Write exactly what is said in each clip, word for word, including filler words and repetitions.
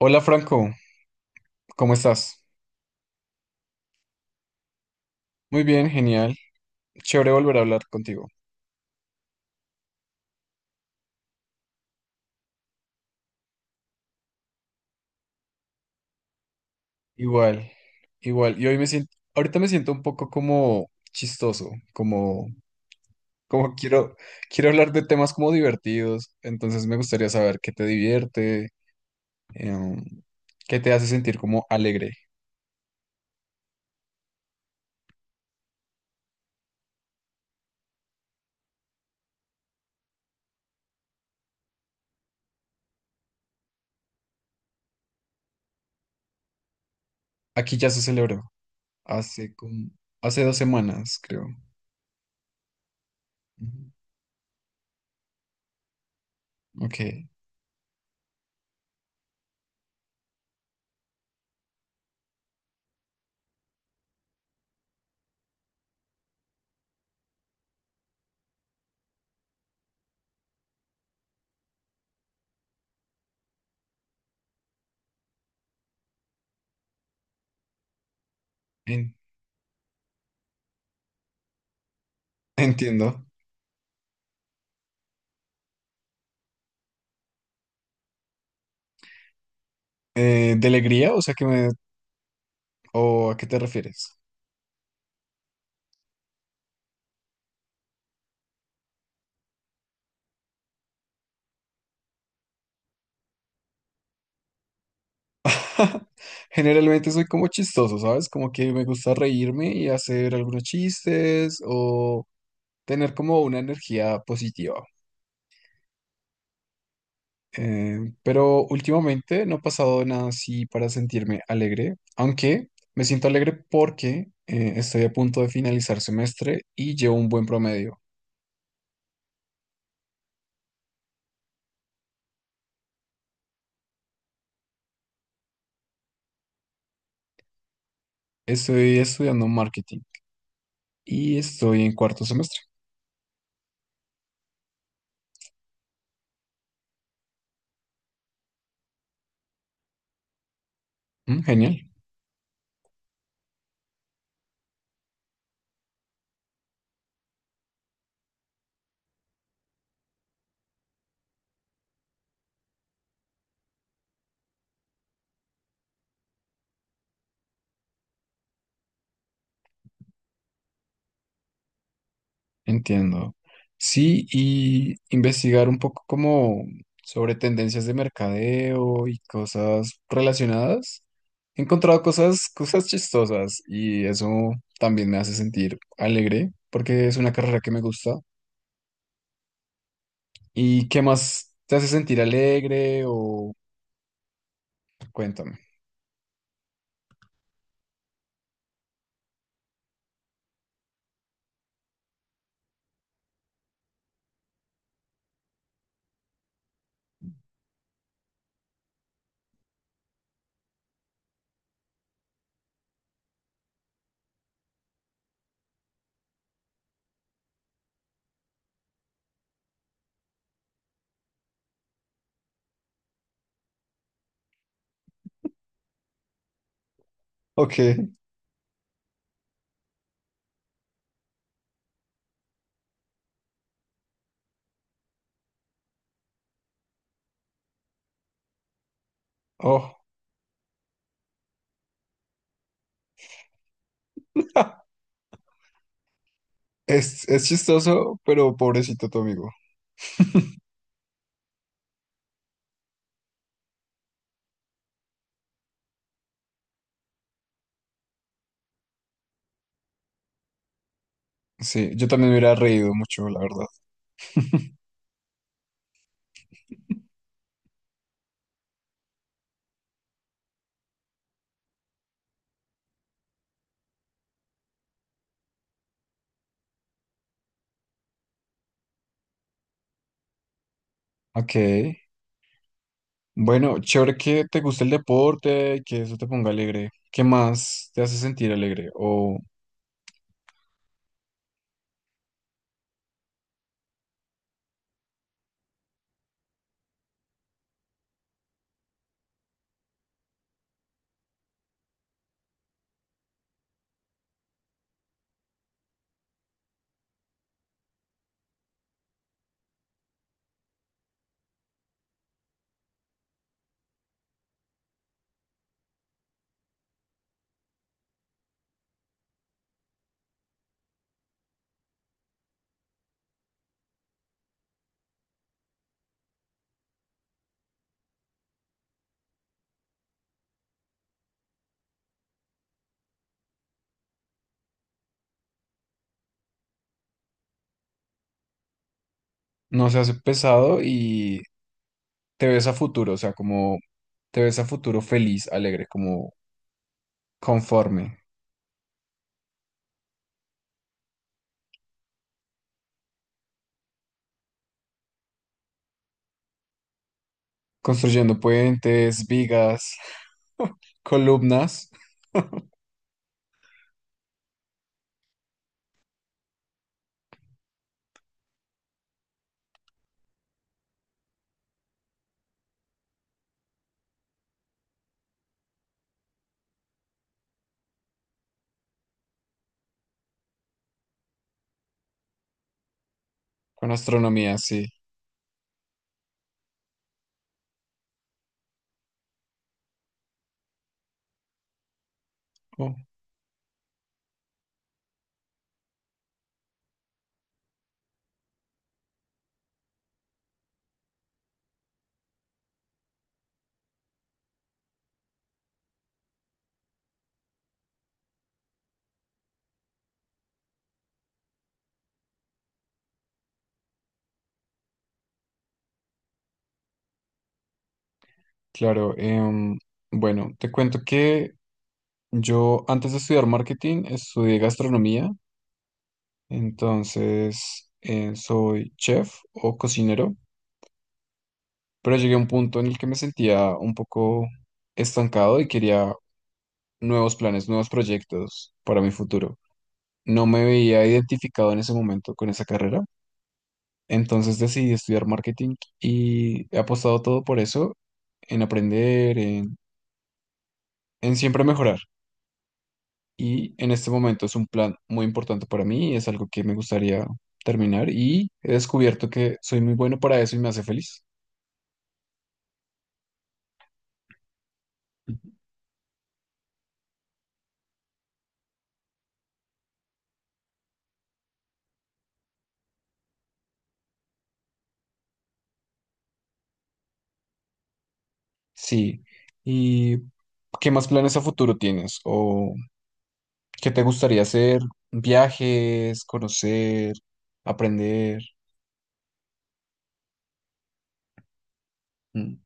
Hola Franco, ¿cómo estás? Muy bien, genial. Chévere volver a hablar contigo. Igual, igual. Y hoy me siento, ahorita me siento un poco como chistoso, como, como quiero, quiero hablar de temas como divertidos. Entonces me gustaría saber qué te divierte, em, qué te hace sentir como alegre. Aquí ya se celebró, hace como, hace dos semanas, creo. Ujú. Ok, en- entiendo. Eh, ¿de alegría? O sea, que me... ¿O a qué te refieres? Generalmente soy como chistoso, ¿sabes? Como que me gusta reírme y hacer algunos chistes o tener como una energía positiva. Eh, pero últimamente no ha pasado nada así para sentirme alegre, aunque me siento alegre porque eh, estoy a punto de finalizar semestre y llevo un buen promedio. Estoy estudiando marketing y estoy en cuarto semestre. Mm, genial. Entiendo. Sí, y investigar un poco como sobre tendencias de mercadeo y cosas relacionadas. He encontrado cosas, cosas chistosas y eso también me hace sentir alegre porque es una carrera que me gusta. ¿Y qué más te hace sentir alegre o cuéntame? Ok, oh, es, es chistoso, pero pobrecito tu amigo. Sí, yo también me hubiera reído mucho, la verdad. Ok. Bueno, chévere que te guste el deporte, que eso te ponga alegre. ¿Qué más te hace sentir alegre? O no se hace pesado y te ves a futuro, o sea, como te ves a futuro feliz, alegre, como conforme, construyendo puentes, vigas, columnas, con astronomía, sí. Oh, claro, em, bueno, te cuento que yo antes de estudiar marketing estudié gastronomía. Entonces, eh, soy chef o cocinero, pero llegué a un punto en el que me sentía un poco estancado y quería nuevos planes, nuevos proyectos para mi futuro. No me veía identificado en ese momento con esa carrera, entonces decidí estudiar marketing y he apostado todo por eso, en aprender, en, en siempre mejorar. Y en este momento es un plan muy importante para mí, es algo que me gustaría terminar y he descubierto que soy muy bueno para eso y me hace feliz. Sí. ¿Y qué más planes a futuro tienes? ¿O qué te gustaría hacer? ¿Viajes, conocer, aprender? Mm.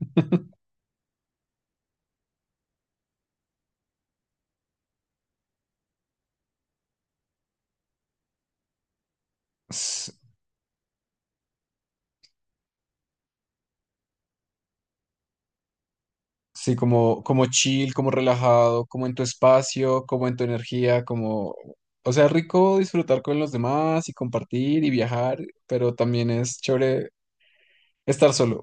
S- Sí, como, como chill, como relajado, como en tu espacio, como en tu energía, como... O sea, rico disfrutar con los demás y compartir y viajar, pero también es chévere estar solo.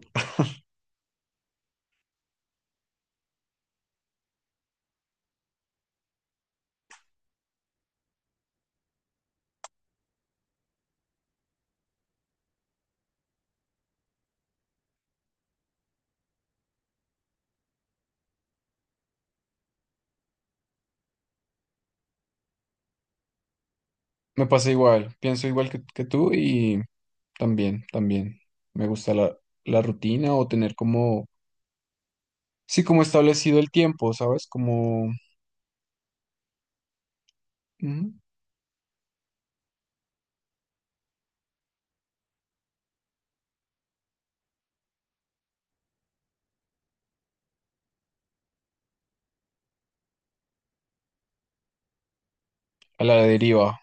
Me pasa igual, pienso igual que, que tú y también, también. Me gusta la, la rutina o tener como sí, como establecido el tiempo, ¿sabes? Como ujú, a la deriva.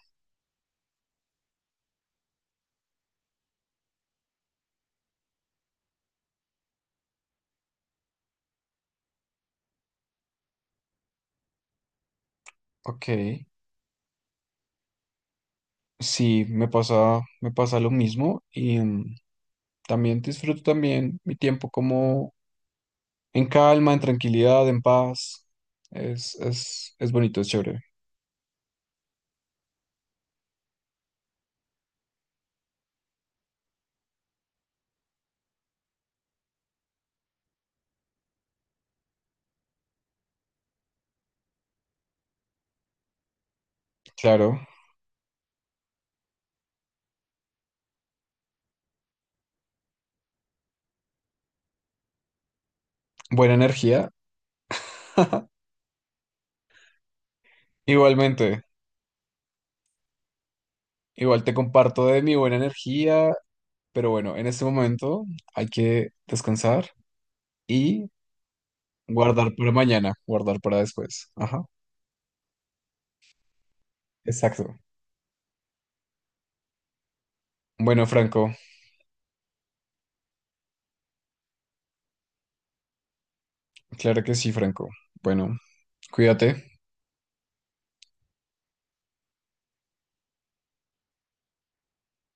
Ok. Sí, me pasa, me pasa lo mismo y mm, también disfruto también mi tiempo como en calma, en tranquilidad, en paz. Es, es, es bonito, es chévere. Claro. Buena energía. Igualmente, igual te comparto de mi buena energía, pero bueno, en este momento hay que descansar y guardar para mañana, guardar para después. Ajá, exacto. Bueno, Franco, claro que sí, Franco. Bueno, cuídate.